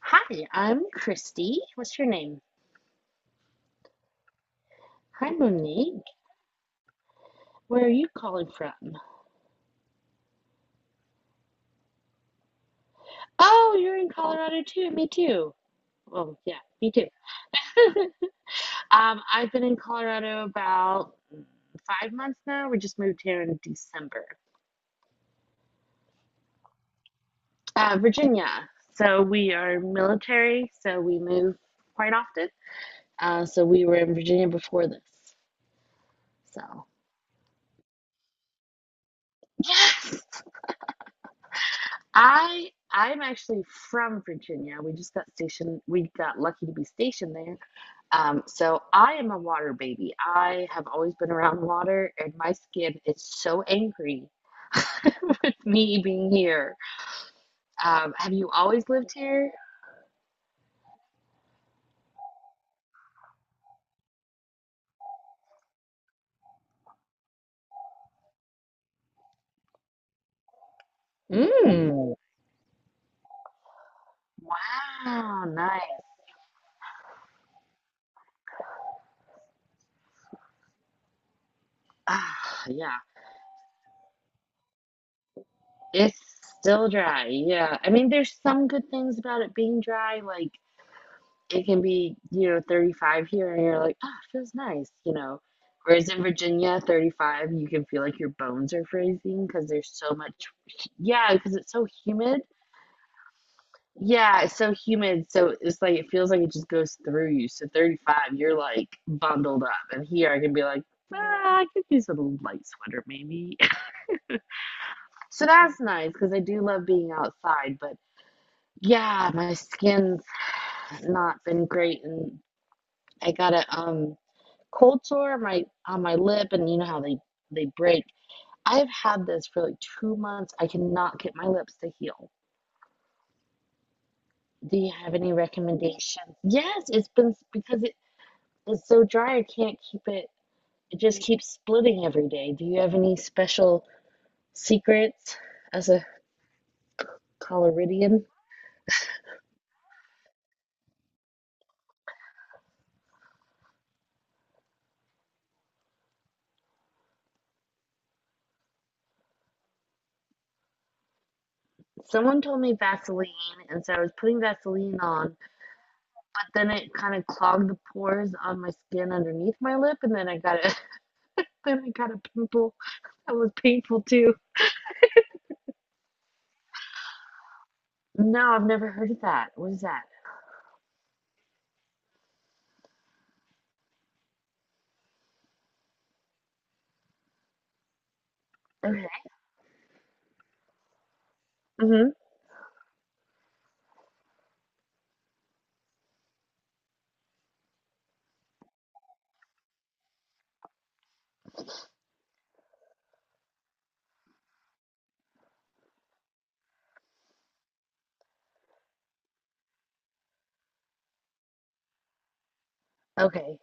Hi, I'm Christy. What's your name? Hi, Monique. Where are you calling from? Oh, you're in Colorado too. Me too. Well, yeah, me too. I've been in Colorado about 5 months now. We just moved here in December. Virginia. So we are military, so we move quite often. So we were in Virginia before this. So yes, I'm actually from Virginia. We just got stationed. We got lucky to be stationed there. So I am a water baby. I have always been around water, and my skin is so angry with me being here. Have you always lived here? Mm, wow, nice. Ah, yeah, it's still dry. Yeah, I mean, there's some good things about it being dry, like it can be, 35 here and you're like, it feels nice. Whereas in Virginia, 35, you can feel like your bones are freezing because there's so much, yeah, because it's so humid. Yeah, it's so humid. So it's like, it feels like it just goes through you. So 35, you're like bundled up. And here I can be like, I could use a little light sweater maybe. So that's nice because I do love being outside. But yeah, my skin's not been great. And I gotta, cold sore on my lip, and you know how they break. I've had this for like 2 months. I cannot get my lips to heal. Do you have any recommendations? Yes, it's been, because it is so dry, I can't keep it, it just keeps splitting every day. Do you have any special secrets as a coloridian? Someone told me vaseline, and so I was putting vaseline on, but then it kind of clogged the pores on my skin underneath my lip, and then I got a then I got a pimple that was painful too. No, I've never heard of that. What is that? Okay. Hmm. Okay.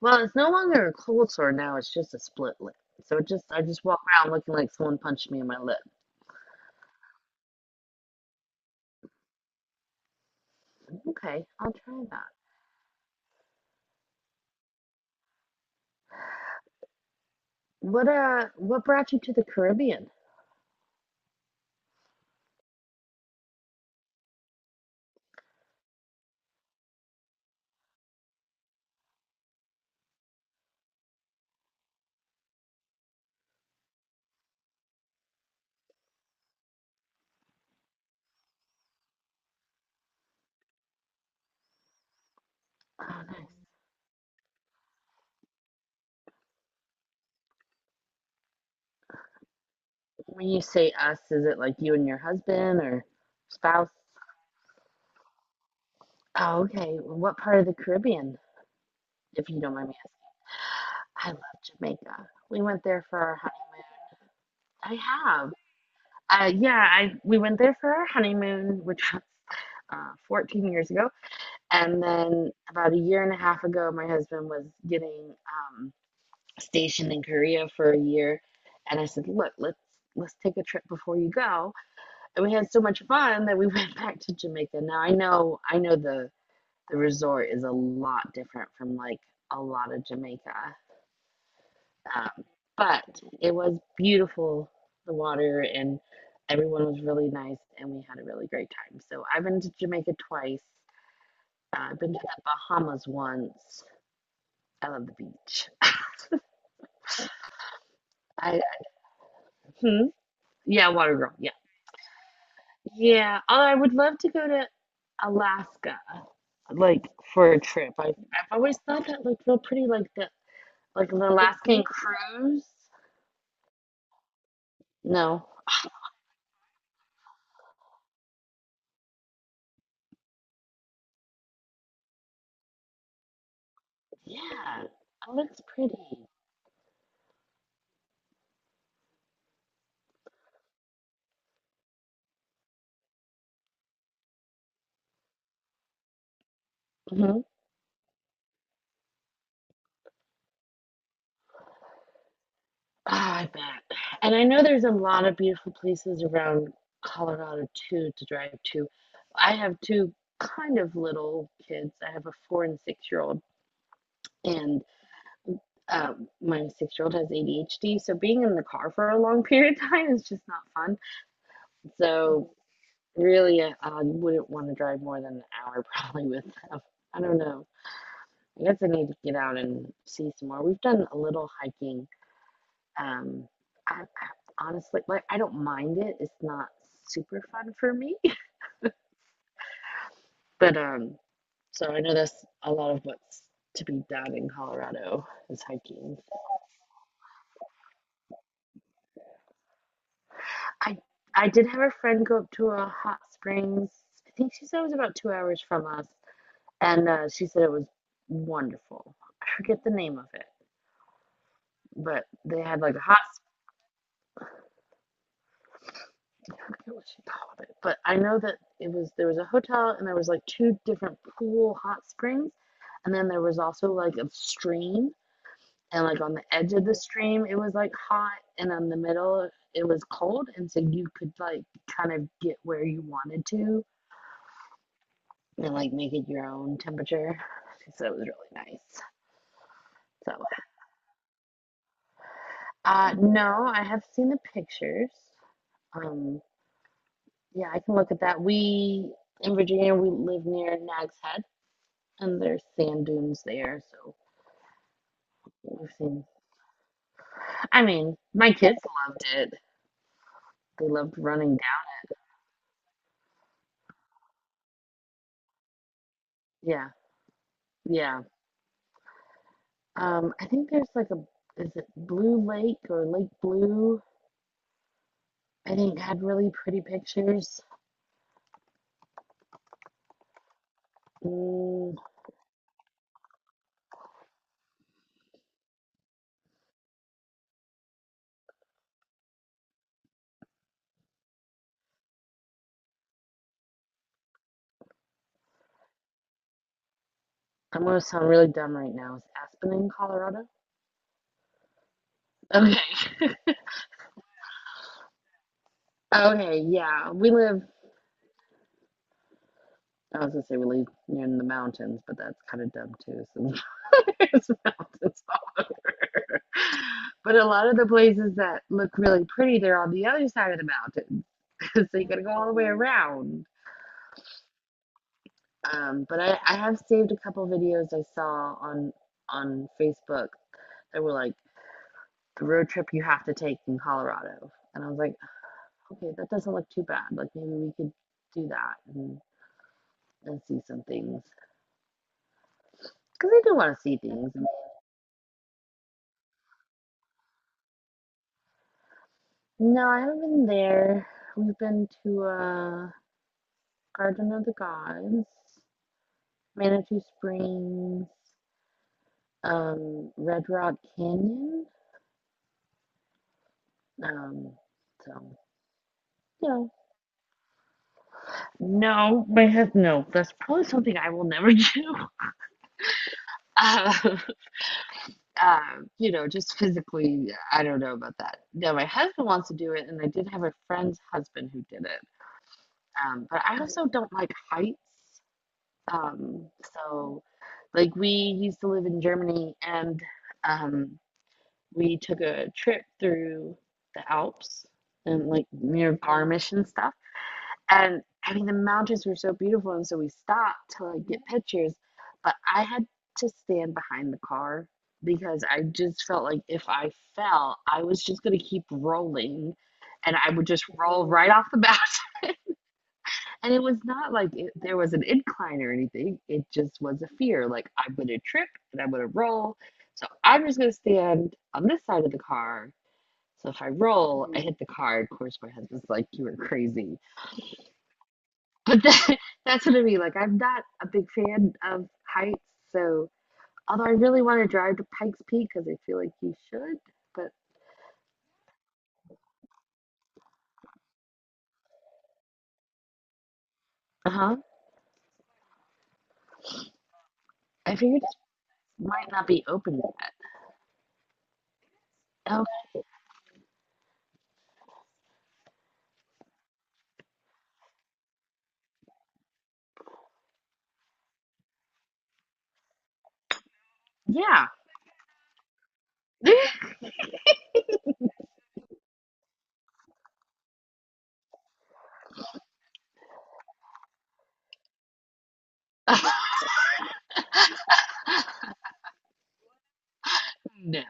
Well, it's no longer a cold sore now. It's just a split lip. So it just I just walk around looking like someone punched me in my lip. Okay, I'll try that. What brought you to the Caribbean? Oh, nice. When you say us, is it like you and your husband or spouse? Oh, okay. What part of the Caribbean, if you don't mind me asking? I love Jamaica. We went there for our honeymoon. I have. Yeah, I we went there for our honeymoon, which was 14 years ago, and then about a year and a half ago, my husband was getting stationed in Korea for a year, and I said, "Look, let's take a trip before you go." And we had so much fun that we went back to Jamaica. Now I know the resort is a lot different from like a lot of Jamaica, um, but it was beautiful, the water, and everyone was really nice, and we had a really great time. So I've been to Jamaica twice. I've been to the Bahamas once. I love the beach. I, hmm? Yeah, water girl. Yeah, yeah. Although I would love to go to Alaska, like for a trip. I've always thought that looked real pretty, like the like an Alaskan cruise. No, yeah, it looks pretty. Mm-hmm. Ah, I bet. And I know there's a lot of beautiful places around Colorado too to drive to. I have two kind of little kids. I have a 4 and 6 year old, and my 6 year old has ADHD. So being in the car for a long period of time is just not fun. So really, I wouldn't want to drive more than an hour probably with them. I don't know. I guess I need to get out and see some more. We've done a little hiking. Um, I honestly, I don't mind it. It's not super fun for me, but so I know that's a lot of what's to be done in Colorado is hiking. I I did have a friend go up to a hot springs. I think she said it was about 2 hours from us, and she said it was wonderful. I forget the name of it, but they had like a hot, I forget what she called it, but I know that it was there was a hotel and there was like two different pool hot springs, and then there was also like a stream, and like on the edge of the stream it was like hot, and on the middle it was cold, and so you could like kind of get where you wanted to, and like make it your own temperature. So it was really nice. So uh, no, I have seen the pictures. Um, yeah, I can look at that. We In Virginia we live near Nags Head, and there's sand dunes there. So we've seen. I mean, my kids loved it. They loved running down. Yeah, yeah. I think there's like a, is it Blue Lake or Lake Blue? I think had really pretty pictures. Mm, I'm gonna sound really dumb right now. Is Aspen in Colorado? Okay. Okay, yeah. I was gonna say we live near the mountains, but that's kind of dumb too, since there's mountains. But a lot of the places that look really pretty, they're on the other side of the mountain. So you gotta go all the way around. But I have saved a couple videos I saw on Facebook that were like the road trip you have to take in Colorado. And I was like, okay, that doesn't look too bad. Like maybe we could do that and see some things. Because I do want to see things. No, I haven't been there. We've been to Garden of the Gods. Manitou Springs, Red Rock Canyon. Um, so, you know. No, my head, no. That's probably something I will never do. Uh, uh, you know, just physically, I don't know about that. No, my husband wants to do it, and I did have a friend's husband who did it. But I also don't like heights. So, like, we used to live in Germany, and um, we took a trip through the Alps and like near Garmisch and stuff. And I mean, the mountains were so beautiful, and so we stopped to like get pictures. But I had to stand behind the car because I just felt like if I fell, I was just gonna keep rolling, and I would just roll right off the bat. And it was not like there was an incline or anything. It just was a fear, like I'm gonna trip and I'm gonna roll. So I'm just gonna stand on this side of the car so if I roll, I, mm, hit the card. Of course, my husband's like, "You are crazy," but that's what I mean. Like, I'm not a big fan of heights, so, although I really want to drive to Pikes Peak because I feel like you should, but uh huh, I figured it might not be open yet. Oh yeah. Oh, no.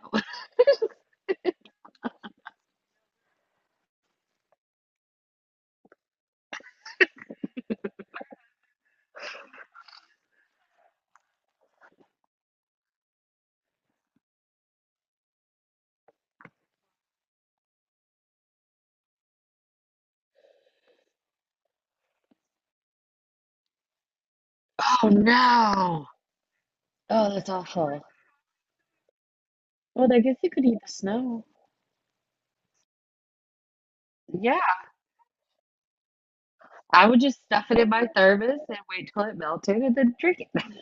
Oh no. Oh, that's awful. Well, I guess you could eat the snow. Yeah, I would just stuff it in my thermos and wait till it melted and then drink it. I mean,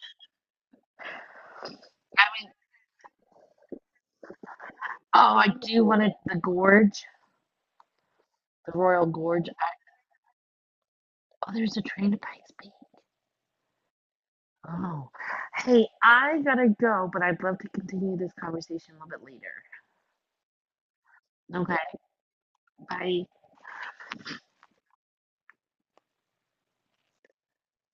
oh, I do want to, the gorge. The Royal Gorge. I, oh, there's a train to Pikes Peak. Oh, hey, I gotta go, but I'd love to continue this conversation a little bit later. Okay, bye.